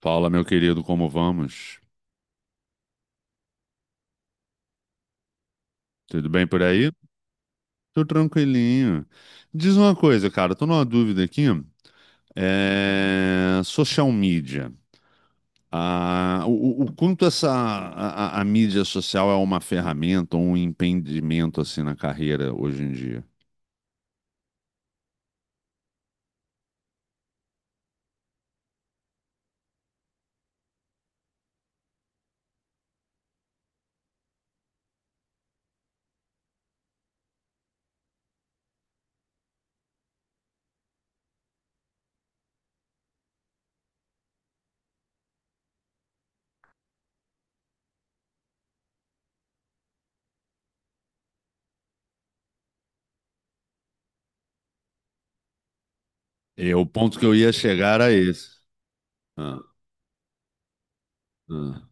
Fala, meu querido, como vamos? Tudo bem por aí? Tô tranquilinho. Diz uma coisa, cara, tô numa dúvida aqui. Social media. Ah, o quanto essa a mídia social é uma ferramenta ou um impedimento assim na carreira hoje em dia? E o ponto que eu ia chegar a esse. Ah, ah.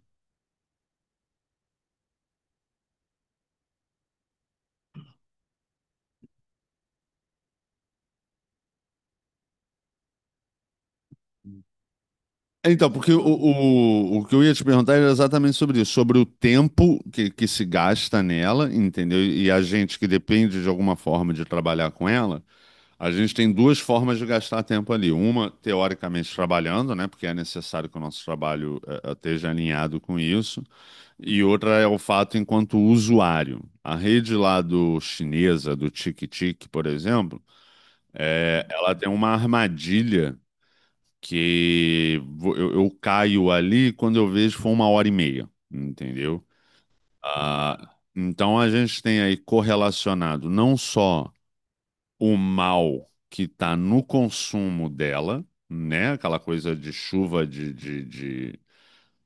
Então, porque o que eu ia te perguntar era exatamente sobre isso, sobre o tempo que se gasta nela, entendeu? E a gente que depende de alguma forma de trabalhar com ela, a gente tem duas formas de gastar tempo ali. Uma, teoricamente, trabalhando, né? Porque é necessário que o nosso trabalho esteja alinhado com isso. E outra é o fato enquanto usuário. A rede lá do chinesa, do Tic-Tic, por exemplo, ela tem uma armadilha que eu caio ali quando eu vejo foi uma hora e meia, entendeu? Ah, então a gente tem aí correlacionado não só o mal que está no consumo dela, né? Aquela coisa de chuva de, de, de,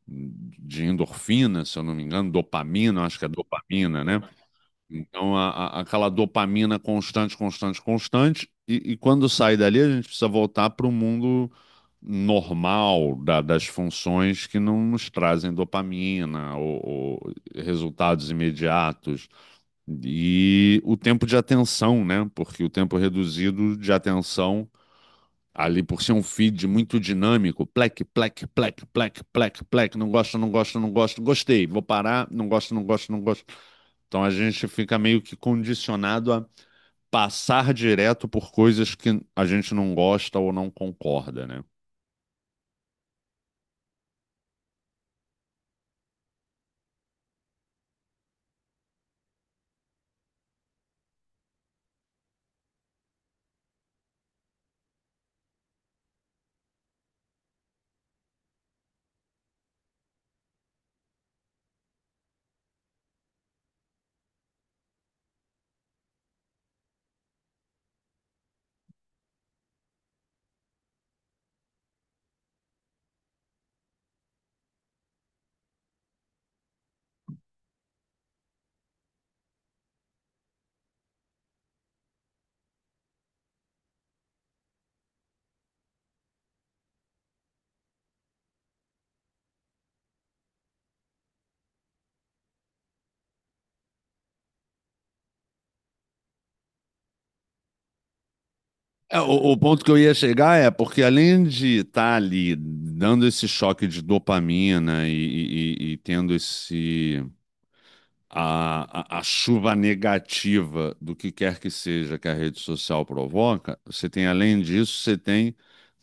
de endorfina, se eu não me engano, dopamina, acho que é dopamina, né? Então, aquela dopamina constante, constante, constante. E quando sai dali, a gente precisa voltar para o mundo normal da- das funções que não nos trazem dopamina ou resultados imediatos. E o tempo de atenção, né? Porque o tempo reduzido de atenção, ali por ser um feed muito dinâmico, plec, plec, plec, plec, plec, plec, não gosto, não gosto, não gosto, gostei, vou parar, não gosto, não gosto, não gosto. Então a gente fica meio que condicionado a passar direto por coisas que a gente não gosta ou não concorda, né? É, o ponto que eu ia chegar é porque além de estar ali dando esse choque de dopamina e tendo esse a chuva negativa do que quer que seja que a rede social provoca, você tem além disso, você tem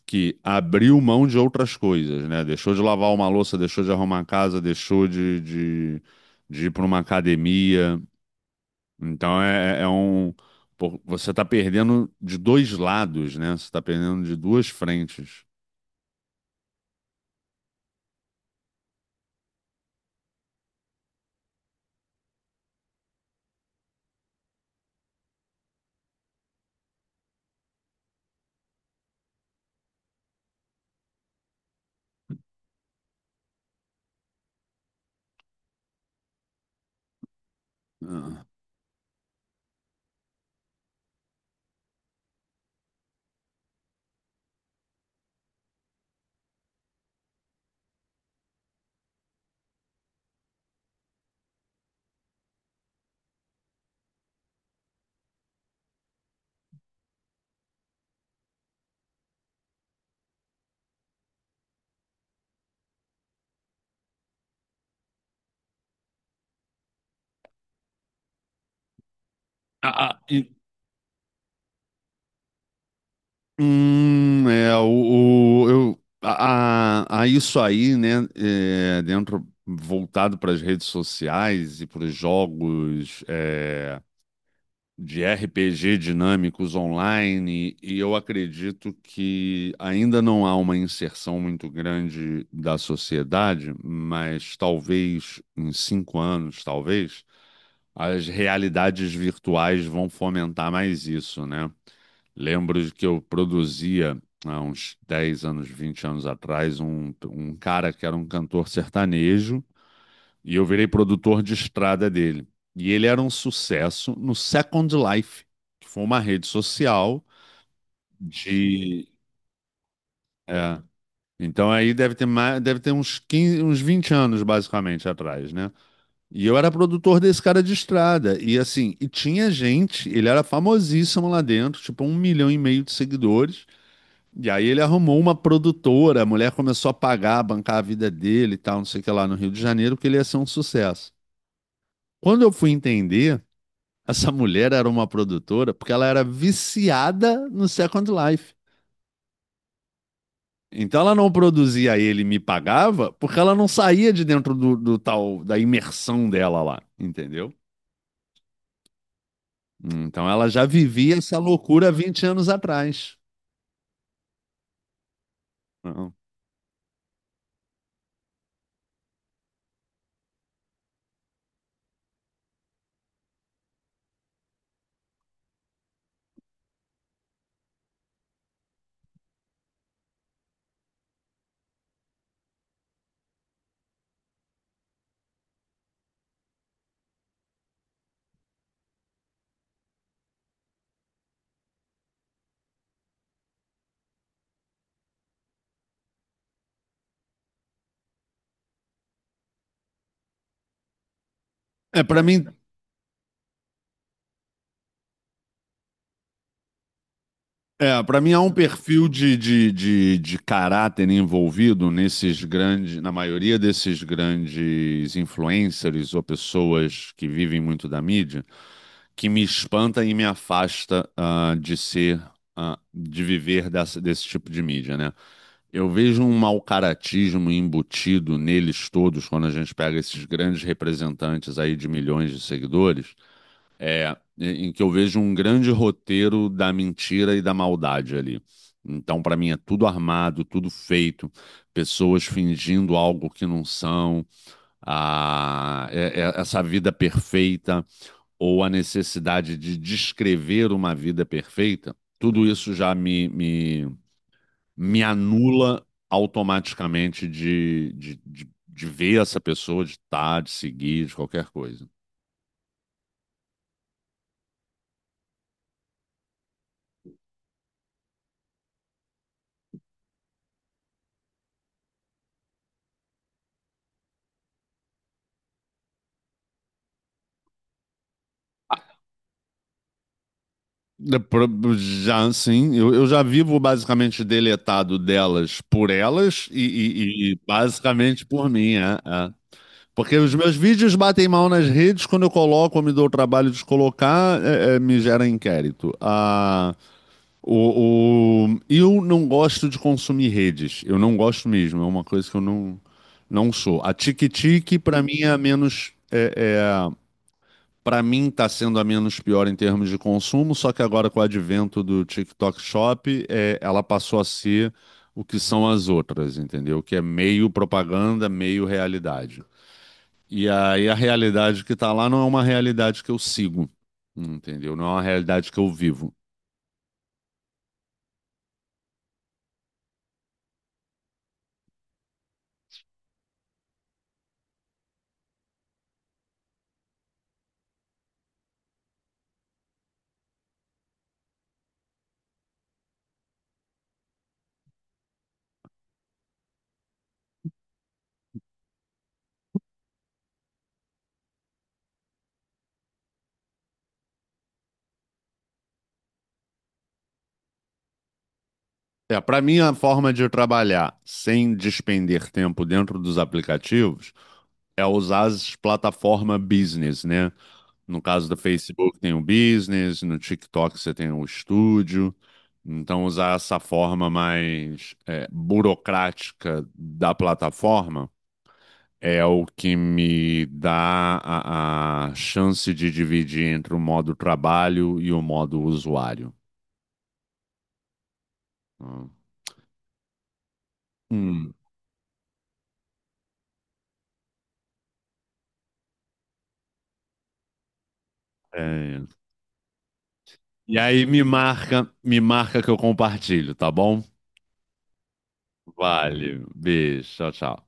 que abriu mão de outras coisas, né? Deixou de lavar uma louça, deixou de arrumar a casa, deixou de ir para uma academia. Então é, é é um. Pô, você está perdendo de dois lados, né? Você está perdendo de duas frentes. Ah, ah. Hum, é, o, a isso aí, né? Dentro, voltado para as redes sociais e para os jogos. É, de RPG dinâmicos online, e eu acredito que ainda não há uma inserção muito grande da sociedade, mas talvez em 5 anos, talvez, as realidades virtuais vão fomentar mais isso, né? Lembro de que eu produzia há uns 10 anos, 20 anos atrás, um cara que era um cantor sertanejo e eu virei produtor de estrada dele. E ele era um sucesso no Second Life, que foi uma rede social. De. É. Então aí deve ter mais, deve ter uns 15, uns 20 anos, basicamente, atrás, né? E eu era produtor desse cara de estrada. E assim, e tinha gente, ele era famosíssimo lá dentro, tipo um milhão e meio de seguidores. E aí ele arrumou uma produtora, a mulher começou a pagar, bancar a vida dele e tal, não sei o que lá no Rio de Janeiro, que ele ia ser um sucesso. Quando eu fui entender, essa mulher era uma produtora porque ela era viciada no Second Life. Então ela não produzia ele e me pagava porque ela não saía de dentro do, do tal da imersão dela lá, entendeu? Então ela já vivia essa loucura há 20 anos atrás. Não. É, para mim, para mim, há um perfil de caráter envolvido nesses grandes, na maioria desses grandes influencers ou pessoas que vivem muito da mídia, que me espanta e me afasta, de ser, de viver desse tipo de mídia, né? Eu vejo um mal-caratismo embutido neles todos quando a gente pega esses grandes representantes aí de milhões de seguidores, em que eu vejo um grande roteiro da mentira e da maldade ali. Então, para mim, é tudo armado, tudo feito, pessoas fingindo algo que não são, ah, é- é- essa vida perfeita ou a necessidade de descrever uma vida perfeita, tudo isso já me anula automaticamente de ver essa pessoa, de estar, de seguir, de qualquer coisa. Já, sim, eu já vivo basicamente deletado delas por elas e basicamente por mim. Porque os meus vídeos batem mal nas redes, quando eu coloco, eu me dou o trabalho de colocar, me gera inquérito. Ah, eu não gosto de consumir redes. Eu não gosto mesmo. É uma coisa que eu não sou. A Tiki-Tiki, para mim, é a menos. Para mim, está sendo a menos pior em termos de consumo. Só que agora, com o advento do TikTok Shop, ela passou a ser o que são as outras, entendeu? Que é meio propaganda, meio realidade. E aí, a realidade que está lá não é uma realidade que eu sigo, entendeu? Não é uma realidade que eu vivo. É, para mim, a forma de trabalhar sem despender tempo dentro dos aplicativos é usar as plataformas business, né? No caso do Facebook tem o business, no TikTok você tem o estúdio. Então, usar essa forma mais burocrática da plataforma é o que me dá a chance de dividir entre o modo trabalho e o modo usuário. Hum, é. E aí me marca que eu compartilho, tá bom? Vale. Beijo. Tchau, tchau.